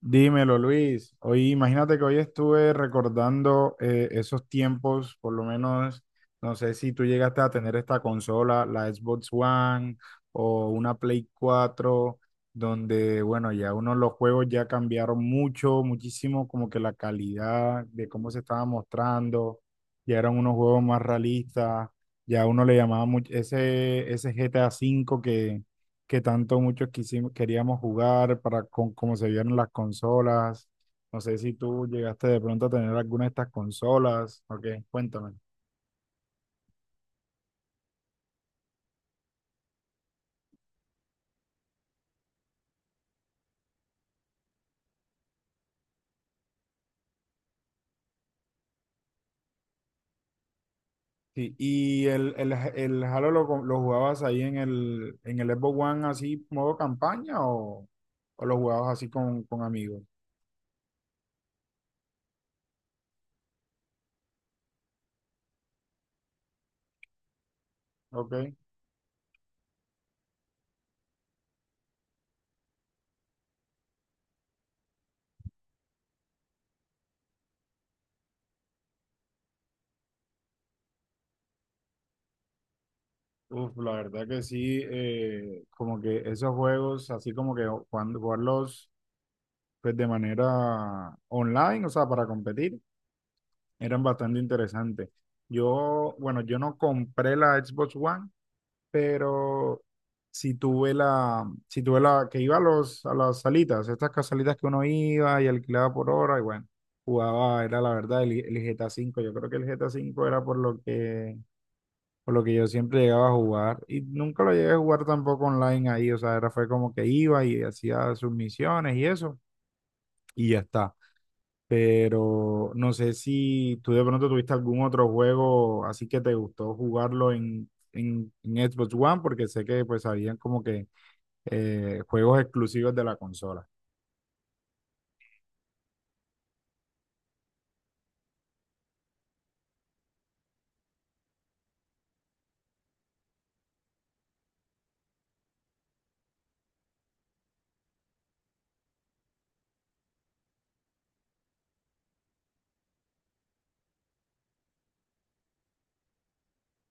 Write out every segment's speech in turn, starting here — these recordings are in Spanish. Dímelo, Luis. Hoy, imagínate que hoy estuve recordando esos tiempos, por lo menos, no sé si tú llegaste a tener esta consola, la Xbox One o una Play 4, donde, bueno, ya uno los juegos ya cambiaron mucho, muchísimo, como que la calidad de cómo se estaba mostrando, ya eran unos juegos más realistas, ya uno le llamaba mucho ese GTA 5 que tanto muchos quisimos, queríamos jugar para con cómo se vieron las consolas. No sé si tú llegaste de pronto a tener alguna de estas consolas. Ok, cuéntame. Sí, y el Halo lo jugabas ahí en el Xbox One así, modo campaña o lo jugabas así con amigos. Ok. Uf, la verdad que sí, como que esos juegos, así como que cuando jugarlos pues de manera online, o sea, para competir, eran bastante interesantes. Yo, bueno, yo no compré la Xbox One, pero sí tuve la, que iba a los, a las salitas, estas salitas que uno iba y alquilaba por hora, y bueno, jugaba, era la verdad, el GTA 5. Yo creo que el GTA 5 era por lo que yo siempre llegaba a jugar. Y nunca lo llegué a jugar tampoco online ahí. O sea, era fue como que iba y hacía sus misiones y eso, y ya está, pero no sé si tú de pronto tuviste algún otro juego así que te gustó jugarlo en Xbox One, porque sé que pues habían como que juegos exclusivos de la consola.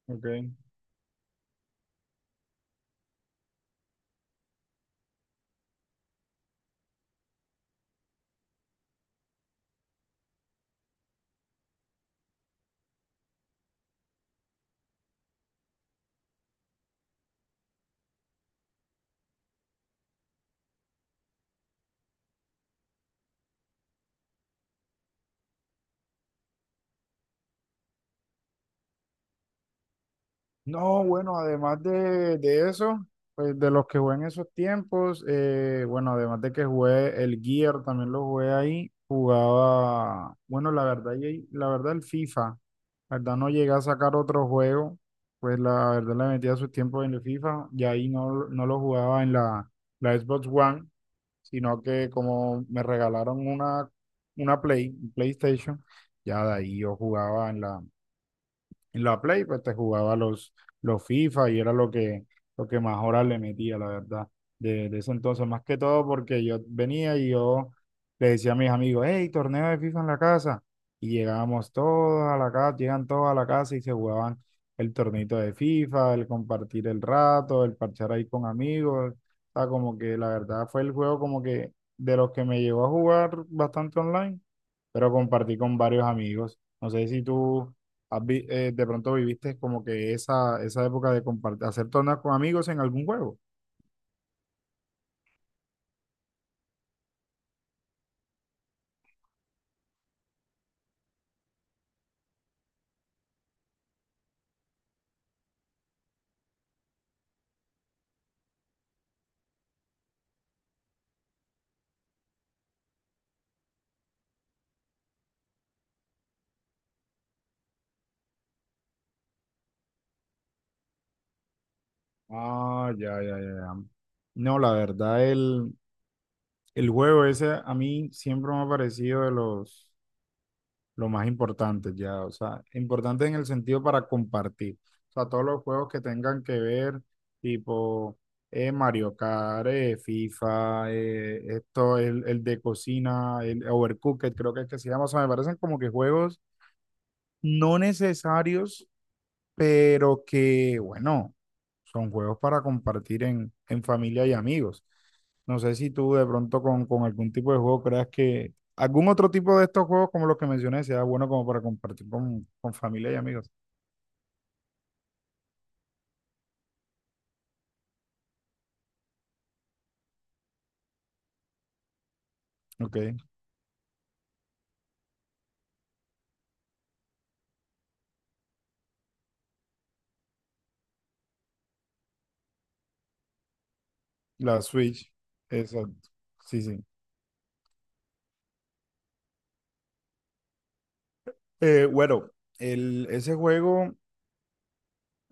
Ok. No, bueno, además de eso, pues de los que jugué en esos tiempos, bueno, además de que jugué el Gear, también lo jugué ahí, jugaba, bueno, la verdad, y la verdad el FIFA. La verdad no llegué a sacar otro juego, pues la verdad le metía sus tiempos en el FIFA y ahí no, no lo jugaba en la Xbox One, sino que como me regalaron una Play, un PlayStation, ya de ahí yo jugaba en la Play, pues te jugaba los FIFA y era lo que más horas le metía, la verdad, de ese entonces, más que todo porque yo venía y yo le decía a mis amigos, hey, torneo de FIFA en la casa. Y llegábamos todos a la casa, llegan todos a la casa y se jugaban el torneito de FIFA, el compartir el rato, el parchar ahí con amigos. O sea, como que la verdad fue el juego como que de los que me llevó a jugar bastante online, pero compartí con varios amigos. No sé si tú de pronto viviste como que esa época de compartir, hacer torneos con amigos en algún juego. Ah, ya, ya, ya, ya. No, la verdad, el juego ese a mí siempre me ha parecido de los, lo más importante ya, o sea, importante en el sentido para compartir, o sea, todos los juegos que tengan que ver, tipo Mario Kart, FIFA, esto, el de cocina, el Overcooked, creo que es que se llama, o sea, me parecen como que juegos no necesarios, pero que, bueno, son juegos para compartir en familia y amigos. No sé si tú de pronto con algún tipo de juego creas que algún otro tipo de estos juegos como los que mencioné sea bueno como para compartir con familia y amigos. Ok, la Switch, exacto. Sí, sí. Bueno, ese juego,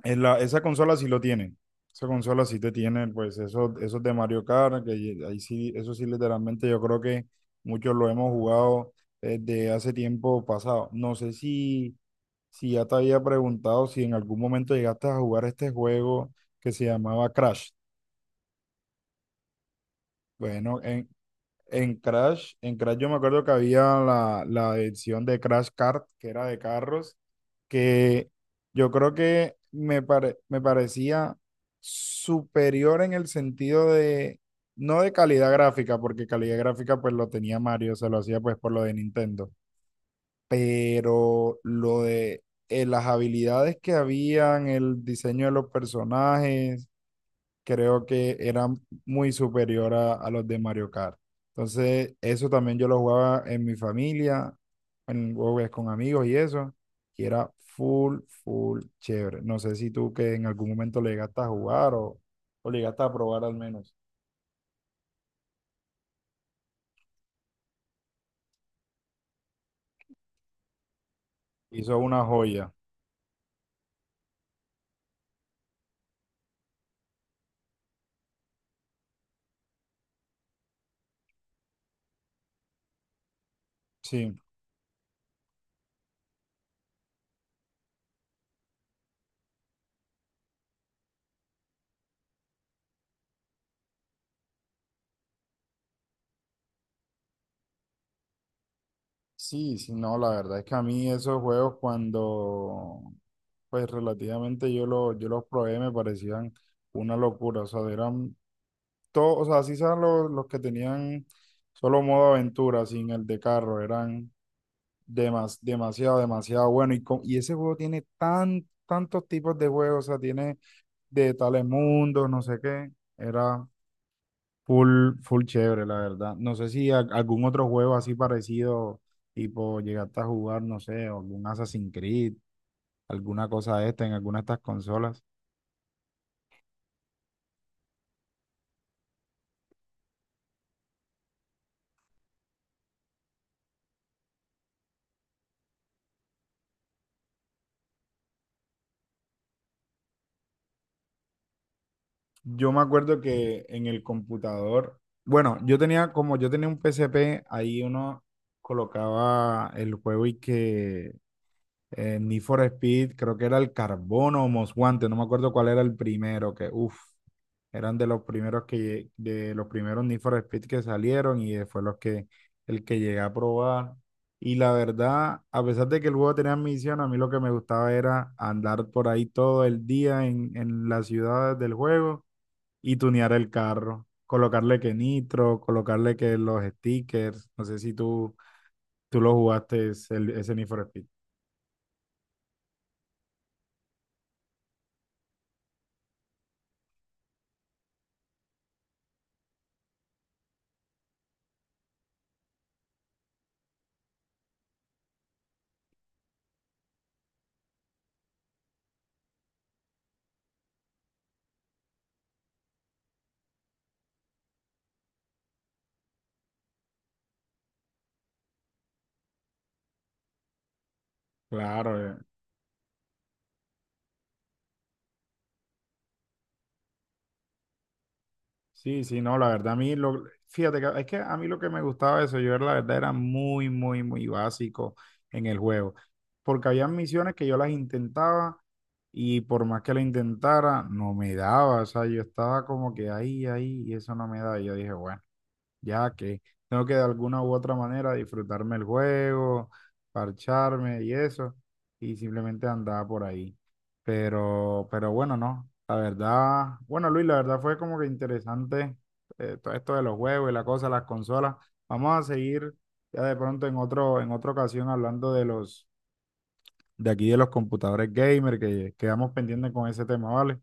Esa consola sí lo tiene. Esa consola sí te tiene, pues, eso, esos de Mario Kart, que ahí sí, eso sí, literalmente yo creo que muchos lo hemos jugado desde hace tiempo pasado. No sé si, si ya te había preguntado si en algún momento llegaste a jugar este juego que se llamaba Crash. Bueno, en Crash yo me acuerdo que había la edición de Crash Kart, que era de carros que yo creo que me parecía superior en el sentido de, no de calidad gráfica, porque calidad gráfica pues lo tenía Mario, se lo hacía pues por lo de Nintendo, pero lo de las habilidades que habían, el diseño de los personajes creo que era muy superior a los de Mario Kart. Entonces, eso también yo lo jugaba en mi familia, en juegos con amigos y eso, y era full, full chévere. No sé si tú que en algún momento le llegaste a jugar o le llegaste a probar al menos. Hizo una joya. Sí, sí, sí, no, la verdad es que a mí esos juegos cuando, pues relativamente yo los probé me parecían una locura, o sea, eran todo, o sea, así eran los que tenían solo modo aventura, sin el de carro, eran demasiado, demasiado bueno. Y ese juego tiene tantos tipos de juegos, o sea, tiene de tales mundos, no sé qué, era full, full chévere, la verdad. No sé si algún otro juego así parecido, tipo, llegaste a jugar, no sé, algún Assassin's Creed, alguna cosa de esta en alguna de estas consolas. Yo me acuerdo que en el computador, bueno, yo tenía un P C P ahí uno colocaba el juego y que Need for Speed, creo que era el Carbono o Most Wanted, no me acuerdo cuál era el primero, que uff, eran de los primeros Need for Speed que salieron, y fue los que el que llegué a probar. Y la verdad, a pesar de que el juego tenía misión, a mí lo que me gustaba era andar por ahí todo el día en las ciudades del juego y tunear el carro, colocarle que nitro, colocarle que los stickers, no sé si tú, tú lo jugaste ese ese Need for Speed. Claro, sí, sí, no, la verdad a mí, fíjate que es que a mí lo que me gustaba de eso, la verdad era muy, muy, muy básico en el juego, porque había misiones que yo las intentaba. Y por más que la intentara, no me daba. O sea, yo estaba como que ahí, ahí, y eso no me da. Y yo dije, bueno, ya que tengo que de alguna u otra manera disfrutarme el juego, parcharme y eso, y simplemente andaba por ahí. Pero bueno, no, la verdad, bueno, Luis, la verdad fue como que interesante, todo esto de los juegos y la cosa, las consolas. Vamos a seguir ya de pronto en otro, en otra ocasión hablando de los, de aquí de los computadores gamer, que quedamos pendientes con ese tema, ¿vale?